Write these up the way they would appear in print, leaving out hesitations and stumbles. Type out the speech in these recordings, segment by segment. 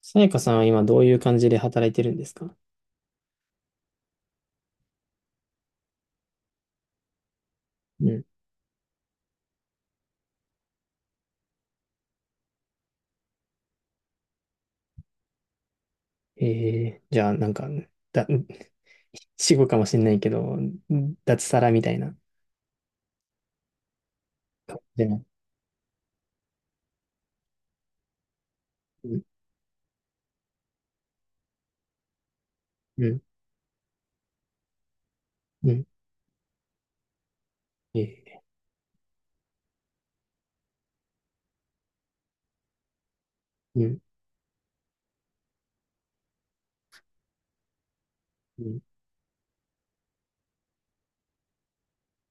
さやかさんは今どういう感じで働いてるんですか？うん。ええ、じゃあなんか、だ、死後かもしれないけど、脱サラみたいな。じゃない。うん、うん、うん、ええ。うん、うん、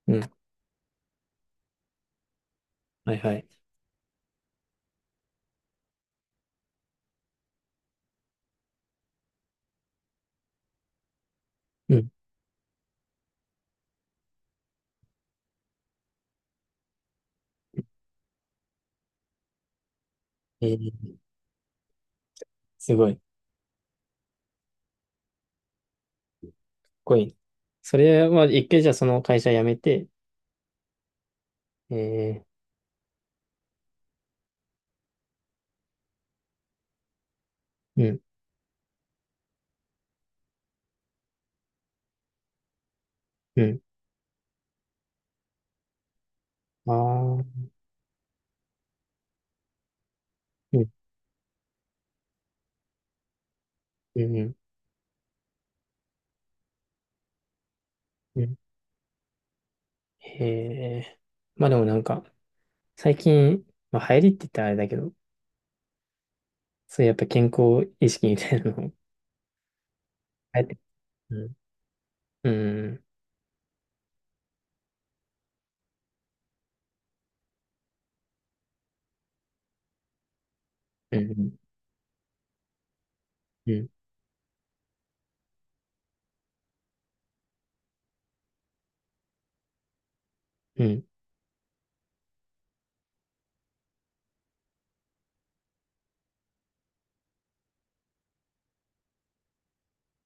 うん。はいはい。うん、ええ、すごい、かっこいい。それは一回じゃあその会社辞めて、ええ。うん、うん。ああ、うん、うん、うん、うん。へえ、まあでもなんか、最近、まあ流行りって言ったらあれだけど、そういうやっぱ健康意識みたいなの、あえて、うん、うん、うん、うん、うん、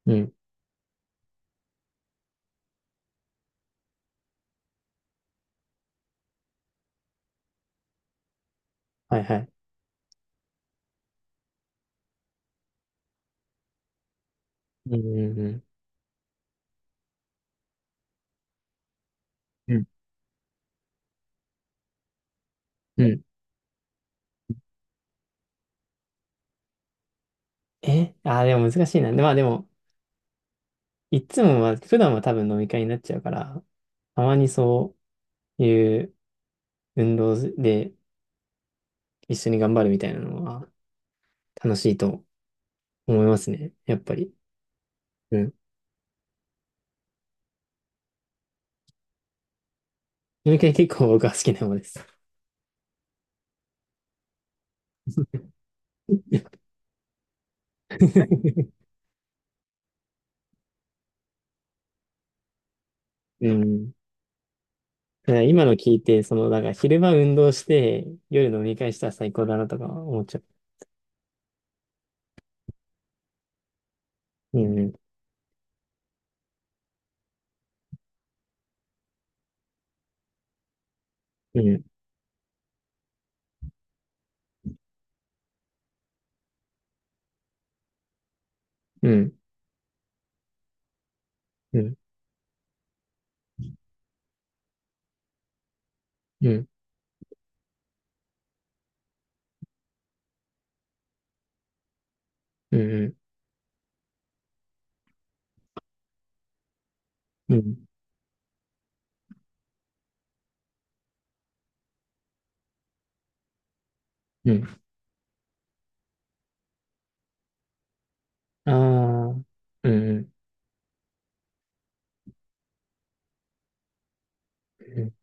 うん。はいはい。うん、うん、うん、うん。え、でも難しいな。で、まあでも、いつもは、普段は多分飲み会になっちゃうから、たまにそういう運動で一緒に頑張るみたいなのは楽しいと思いますね。やっぱり。うん。飲み会結構僕は好きな方です。うん。だから今の聞いて、その、なんか昼間運動して、夜飲み会したら最高だなとか思っちゃう。うん、うん、うん、うん、うん、うん。うん、うん、うん、うん。ああ、うん、うん。うん。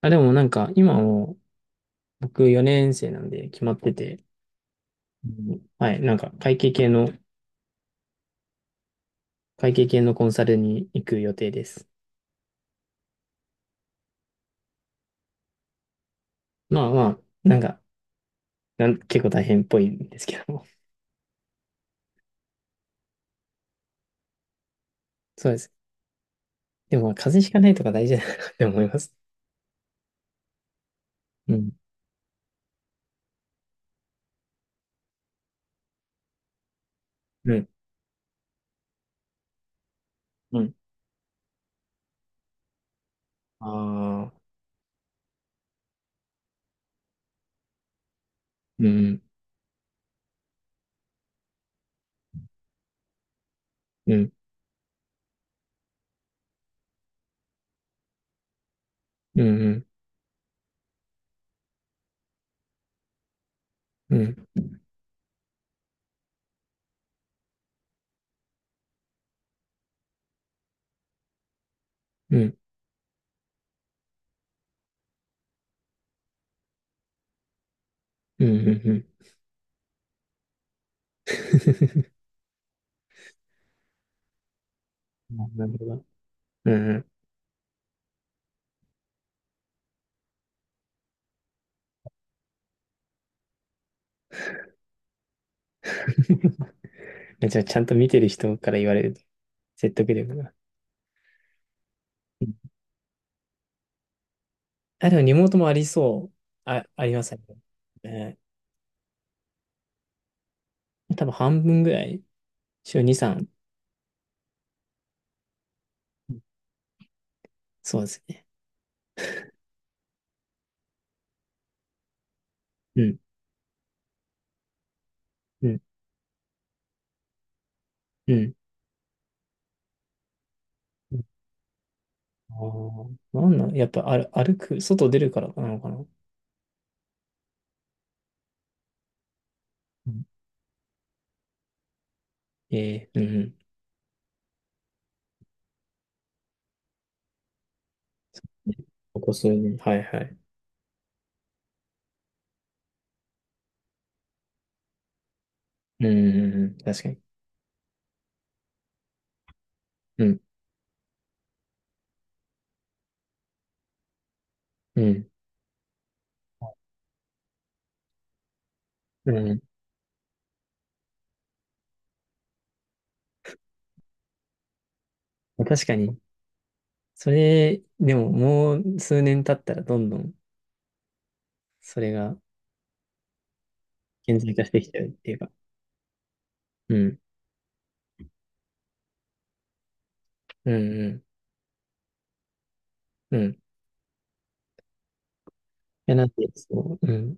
あ、でもなんか、今も、僕4年生なんで決まってて、うん、はい、なんか、会計系の、会計系のコンサルに行く予定です。まあまあ、なんか、結構大変っぽいんですけども。そうです。でも、まあ風邪ひかないとか大事だなって思います。うん、うん、うん。ああ、うん、うん、うん、うん、うん、うん、うん、うん。うん。 なるほど。うん、うん。じゃあ、ちゃんと見てる人から言われると、説得力が。うん。あ、でもリモートもありそう。あ、ありますね。えー、多分半分ぐらい、週二三、そうですね。うん、うん、うん。うん。ああ、なんなんやっぱ、ある、歩く、外出るからなのかな。うん、えー、うん、うん。ここ数年。はい、はい。うん、うん、うん、確かに。うん、うん、うん。確かに。それ、でももう数年経ったらどんどんそれが顕在化してきちゃうっていうか。うん、うん、うん。うん。いや、なんで、そう、うん、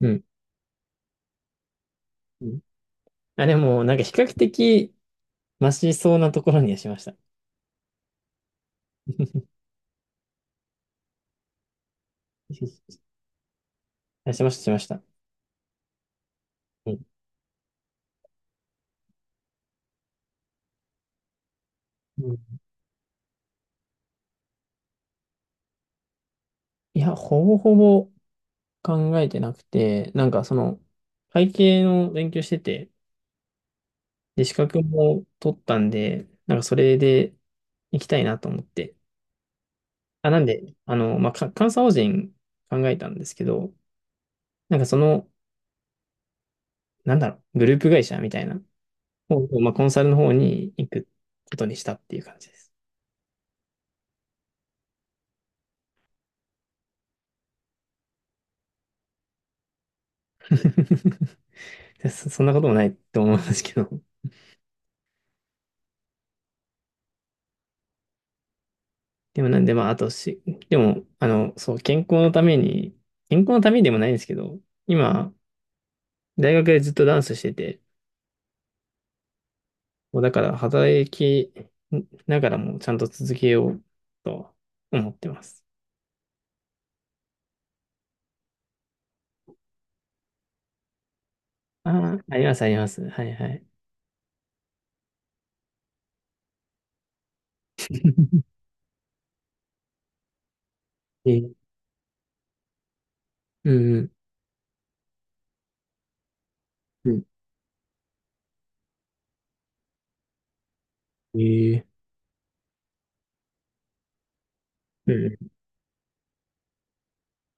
うん、うん。あ、でも、なんか比較的、マシそうなところにはしました。あ、しました、しました。うん。うん。いや、ほぼほぼ考えてなくて、なんかその、会計の勉強してて、で、資格も取ったんで、なんかそれで行きたいなと思って。あ、なんで、あの、まあ、監査法人考えたんですけど、なんかその、なんだろう、グループ会社みたいなを、まあ、コンサルの方に行くことにしたっていう感じです。そんなこともないと思うんですけど。でもなんで、まあ、あとし、でも、あの、そう、健康のために、健康のためにでもないんですけど、今、大学でずっとダンスしてて、もうだから働きながらもちゃんと続けようと思ってます。ああ、あります、あります。はい、はい。えー、うん、うん。うん、えー、うん。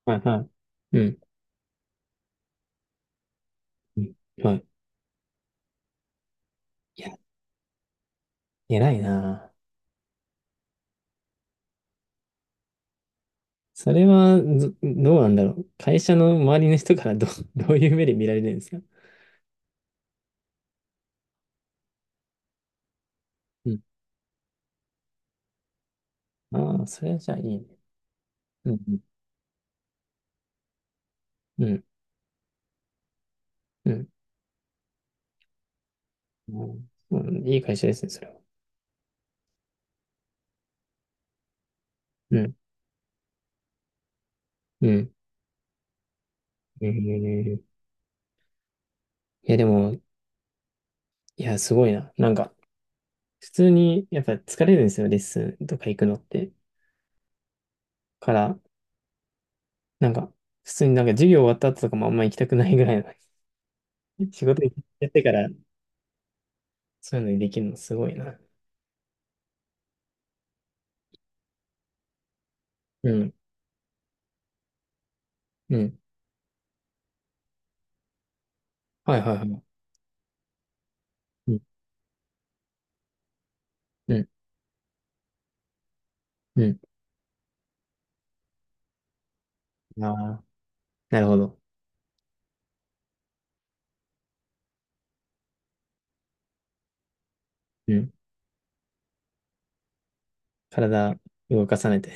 はい、はい。うん。うん。はい。いや、偉いな。それはず、どうなんだろう。会社の周りの人からどう、どういう目で見られるんですか？うん。ああ、それはじゃあいいね。うん、うん、うん。うん、うん、いい会社ですね、それは。うん、うん。えー、いや、でも、いや、すごいな。なんか、普通に、やっぱ疲れるんですよ、レッスンとか行くのって。から、なんか、普通になんか授業終わった後とかもあんま行きたくないぐらいの 仕事やってから、そういうのにできるのすごいな。うん、うん。はいはいはい。うん、うん、うん。ああ。なるほど。うん。体動かさないと。